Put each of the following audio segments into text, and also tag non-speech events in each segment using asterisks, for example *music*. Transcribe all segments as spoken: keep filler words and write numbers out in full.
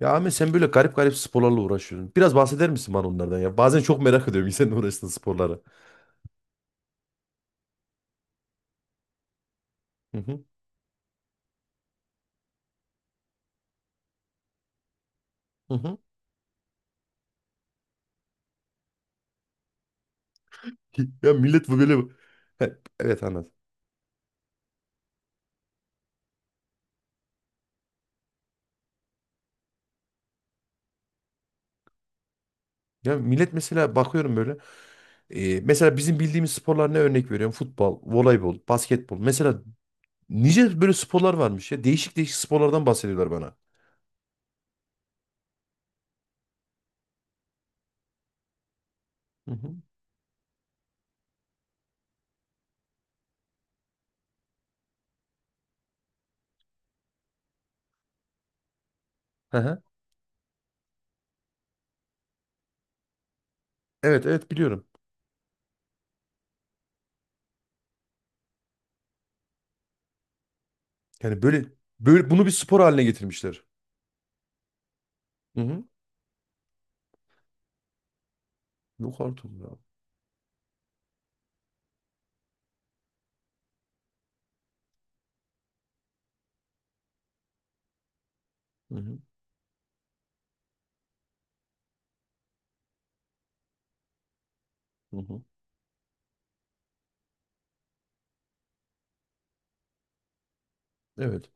Ya Ahmet sen böyle garip garip sporlarla uğraşıyorsun. Biraz bahseder misin bana onlardan ya? Bazen çok merak ediyorum senin uğraştığın sporlara. Hı hı. Hı hı. *laughs* Ya millet bu böyle... He, evet, anlat. Ya millet mesela bakıyorum böyle. e, mesela bizim bildiğimiz sporlar ne, örnek veriyorum? Futbol, voleybol, basketbol. Mesela nice böyle sporlar varmış ya. Değişik değişik sporlardan bahsediyorlar bana. Hı hı. Hı hı. Evet evet, biliyorum. Yani böyle, böyle bunu bir spor haline getirmişler. Hı hı. Yok artık ya. Hı hı. Hı hı. Evet.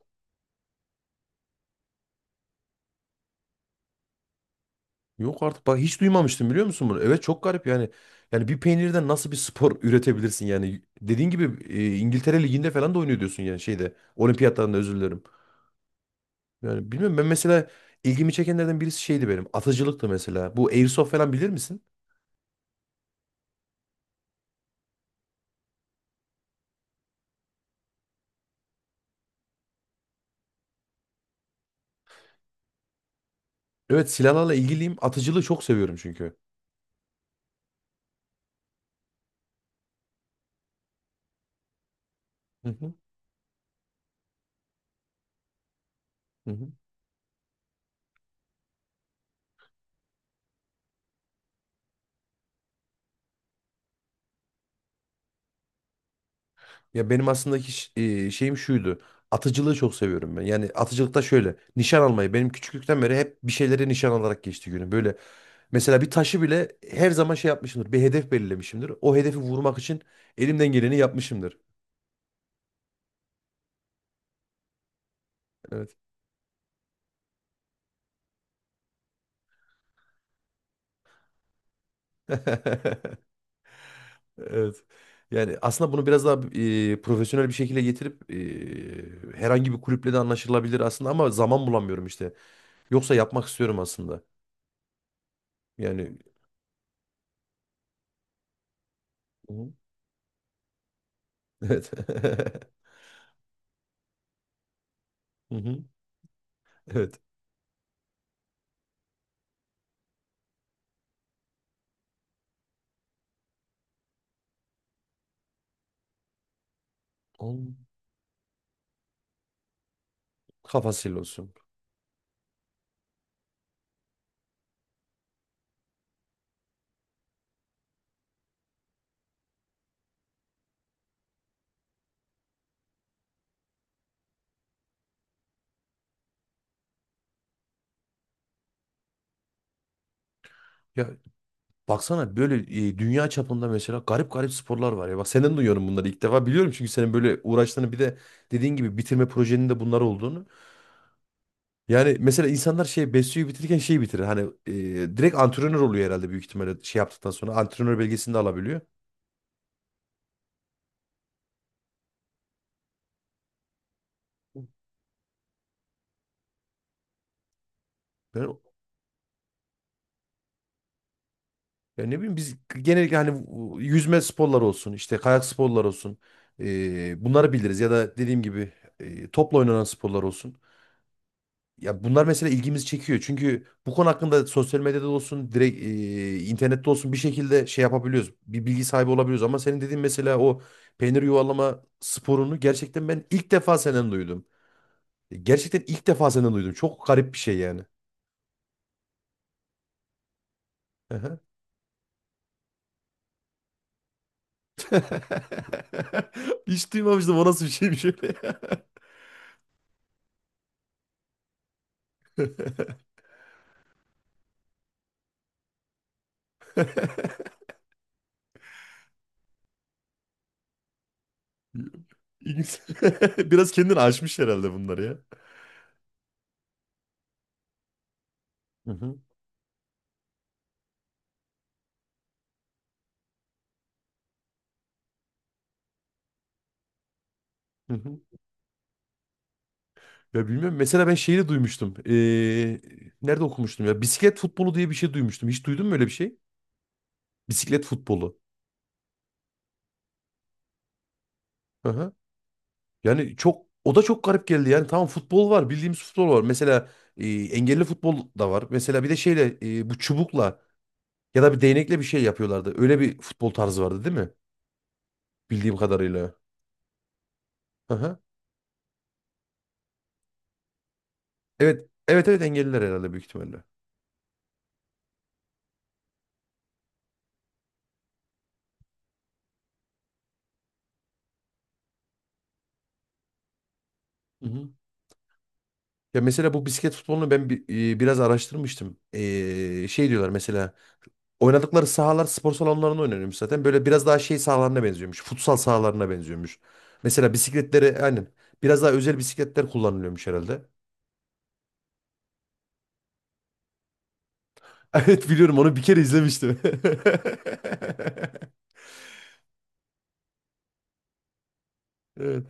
Yok artık, bak hiç duymamıştım biliyor musun bunu? Evet, çok garip yani. Yani bir peynirden nasıl bir spor *laughs* üretebilirsin yani? Dediğin gibi e, İngiltere Ligi'nde falan da oynuyor diyorsun yani, şeyde. Olimpiyatlarında, özür dilerim. Yani bilmiyorum, ben mesela ilgimi çekenlerden birisi şeydi benim. Atıcılıktı mesela. Bu Airsoft falan bilir misin? Evet, silahlarla ilgiliyim. Atıcılığı çok seviyorum çünkü. Hı hı, hı hı. Ya benim aslında hiç, e, şeyim şuydu. Atıcılığı çok seviyorum ben. Yani atıcılıkta şöyle. Nişan almayı. Benim küçüklükten beri hep bir şeylere nişan alarak geçti günüm. Böyle. Mesela bir taşı bile her zaman şey yapmışımdır. Bir hedef belirlemişimdir. O hedefi vurmak için elimden geleni yapmışımdır. Evet. *laughs* Evet. Yani aslında bunu biraz daha e, profesyonel bir şekilde getirip e, herhangi bir kulüple de anlaşılabilir aslında, ama zaman bulamıyorum işte. Yoksa yapmak istiyorum aslında. Yani. Hı. Evet. *laughs* Hı hı. Evet. Onun. Kafasıyla olsun. Ya, baksana böyle, e, dünya çapında mesela garip garip sporlar var ya. Bak, senden duyuyorum bunları ilk defa. Biliyorum çünkü senin böyle uğraştığını, bir de dediğin gibi bitirme projenin de bunlar olduğunu. Yani mesela insanlar şey, Besyo'yu bitirirken şeyi bitirir. Hani e, direkt antrenör oluyor herhalde, büyük ihtimalle şey yaptıktan sonra antrenör belgesini de alabiliyor. Ben ya ne bileyim, biz genellikle hani bu yüzme sporları olsun, işte kayak sporları olsun. e, bunları biliriz ya da dediğim gibi e, topla oynanan sporlar olsun. Ya bunlar mesela ilgimizi çekiyor. Çünkü bu konu hakkında sosyal medyada olsun, direkt e, internette olsun, bir şekilde şey yapabiliyoruz. Bir bilgi sahibi olabiliyoruz. Ama senin dediğin mesela o peynir yuvalama sporunu gerçekten ben ilk defa senden duydum. E, Gerçekten ilk defa senden duydum. Çok garip bir şey yani. Aha. *laughs* Hiç duymamıştım, o nasıl bir şeymiş öyle ya. *laughs* İlginç. *laughs* Biraz kendini aşmış herhalde bunları ya. Hı hı. Hı hı. Ya bilmiyorum. Mesela ben şeyi de duymuştum. Ee, nerede okumuştum ya? Bisiklet futbolu diye bir şey duymuştum. Hiç duydun mu öyle bir şey? Bisiklet futbolu. Hı hı. Yani çok, o da çok garip geldi. Yani tamam, futbol var. Bildiğimiz futbol var. Mesela e, engelli futbol da var. Mesela bir de şeyle e, bu çubukla ya da bir değnekle bir şey yapıyorlardı. Öyle bir futbol tarzı vardı değil mi? Bildiğim kadarıyla. Hı hı. Evet. Evet evet, engelliler herhalde büyük ihtimalle. Hı hı. Ya mesela bu bisiklet futbolunu ben bi- e, biraz araştırmıştım. Ee, şey diyorlar mesela. Oynadıkları sahalar spor salonlarında oynanıyormuş zaten. Böyle biraz daha şey sahalarına benziyormuş. Futsal sahalarına benziyormuş. Mesela bisikletleri aynen. Biraz daha özel bisikletler kullanılıyormuş herhalde. *laughs* Evet, biliyorum, onu bir kere izlemiştim. *laughs* Evet.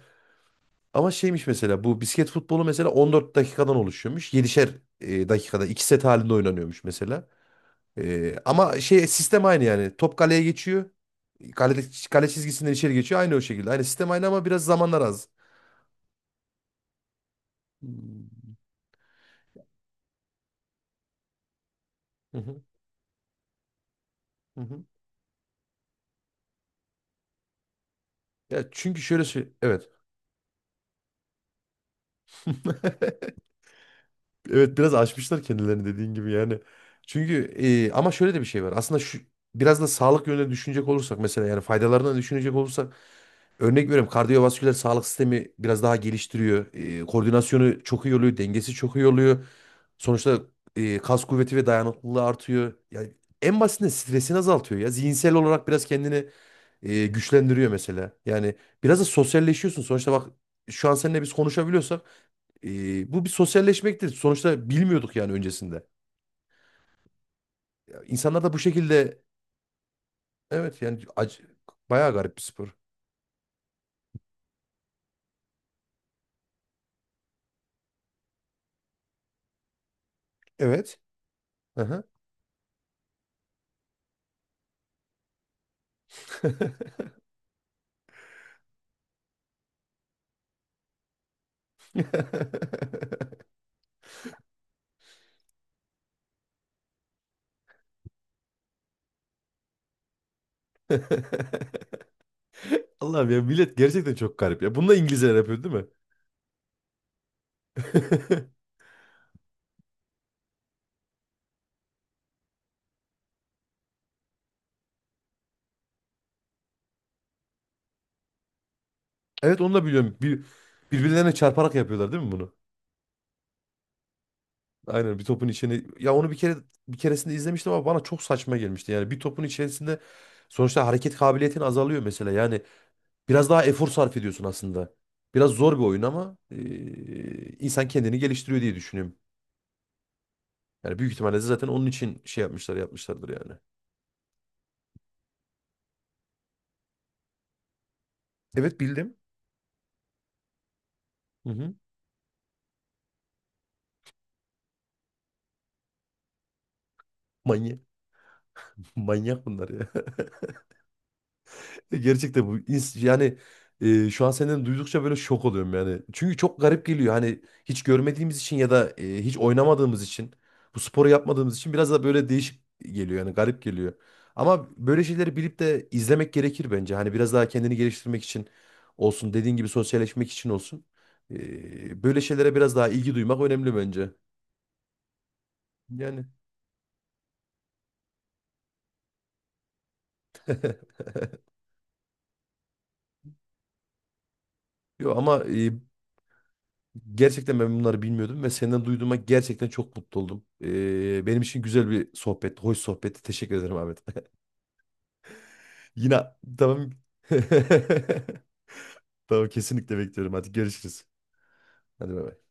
Ama şeymiş mesela, bu bisiklet futbolu mesela on dört dakikadan oluşuyormuş. yedişer e, dakikada iki set halinde oynanıyormuş mesela. E, ama şey, sistem aynı yani. Top kaleye geçiyor. Kale, kale çizgisinden içeri geçiyor. Aynı o şekilde. Aynı sistem, aynı, ama biraz zamanlar az. Hmm. Hı hı, hı hı. Ya çünkü şöyle söyle, evet. *laughs* Evet, biraz aşmışlar kendilerini dediğin gibi yani. Çünkü e, ama şöyle de bir şey var. Aslında şu, biraz da sağlık yönüne düşünecek olursak mesela, yani faydalarını düşünecek olursak, örnek veriyorum, kardiyovasküler sağlık sistemi biraz daha geliştiriyor. E, koordinasyonu çok iyi oluyor, dengesi çok iyi oluyor. Sonuçta e, kas kuvveti ve dayanıklılığı artıyor. Yani en basitinden stresini azaltıyor ya. Zihinsel olarak biraz kendini e, güçlendiriyor mesela. Yani biraz da sosyalleşiyorsun. Sonuçta bak, şu an seninle biz konuşabiliyorsak, E, bu bir sosyalleşmektir. Sonuçta bilmiyorduk yani öncesinde. Ya, İnsanlar da bu şekilde, evet yani ac bayağı garip bir spor. Evet. Aha. *laughs* Allah'ım, ya millet, gerçekten çok garip ya. Bunu da İngilizler yapıyor değil mi? *laughs* Evet, onu da biliyorum. Bir, birbirlerine çarparak yapıyorlar değil mi bunu? Aynen, bir topun içine. Ya onu bir kere bir keresinde izlemiştim ama bana çok saçma gelmişti. Yani bir topun içerisinde sonuçta hareket kabiliyetin azalıyor mesela. Yani biraz daha efor sarf ediyorsun aslında. Biraz zor bir oyun ama eee, insan kendini geliştiriyor diye düşünüyorum. Yani büyük ihtimalle de zaten onun için şey yapmışlar yapmışlardır yani. Evet, bildim. Hı hı. Manyak. *laughs* Manyak bunlar ya. *laughs* Gerçekten bu ins- yani e, şu an senden duydukça böyle şok oluyorum yani. Çünkü çok garip geliyor, hani hiç görmediğimiz için ya da e, hiç oynamadığımız için, bu sporu yapmadığımız için biraz da böyle değişik geliyor yani, garip geliyor. Ama böyle şeyleri bilip de izlemek gerekir bence. Hani biraz daha kendini geliştirmek için olsun, dediğin gibi sosyalleşmek için olsun. E, böyle şeylere biraz daha ilgi duymak önemli bence. Yani. *laughs* Yo ama e, Gerçekten ben bunları bilmiyordum ve senden duyduğuma gerçekten çok mutlu oldum. Ee, benim için güzel bir sohbet, hoş sohbetti. Teşekkür ederim, Ahmet. *laughs* Yine tamam. *laughs* Tamam, kesinlikle bekliyorum. Hadi görüşürüz. Hadi bay bay.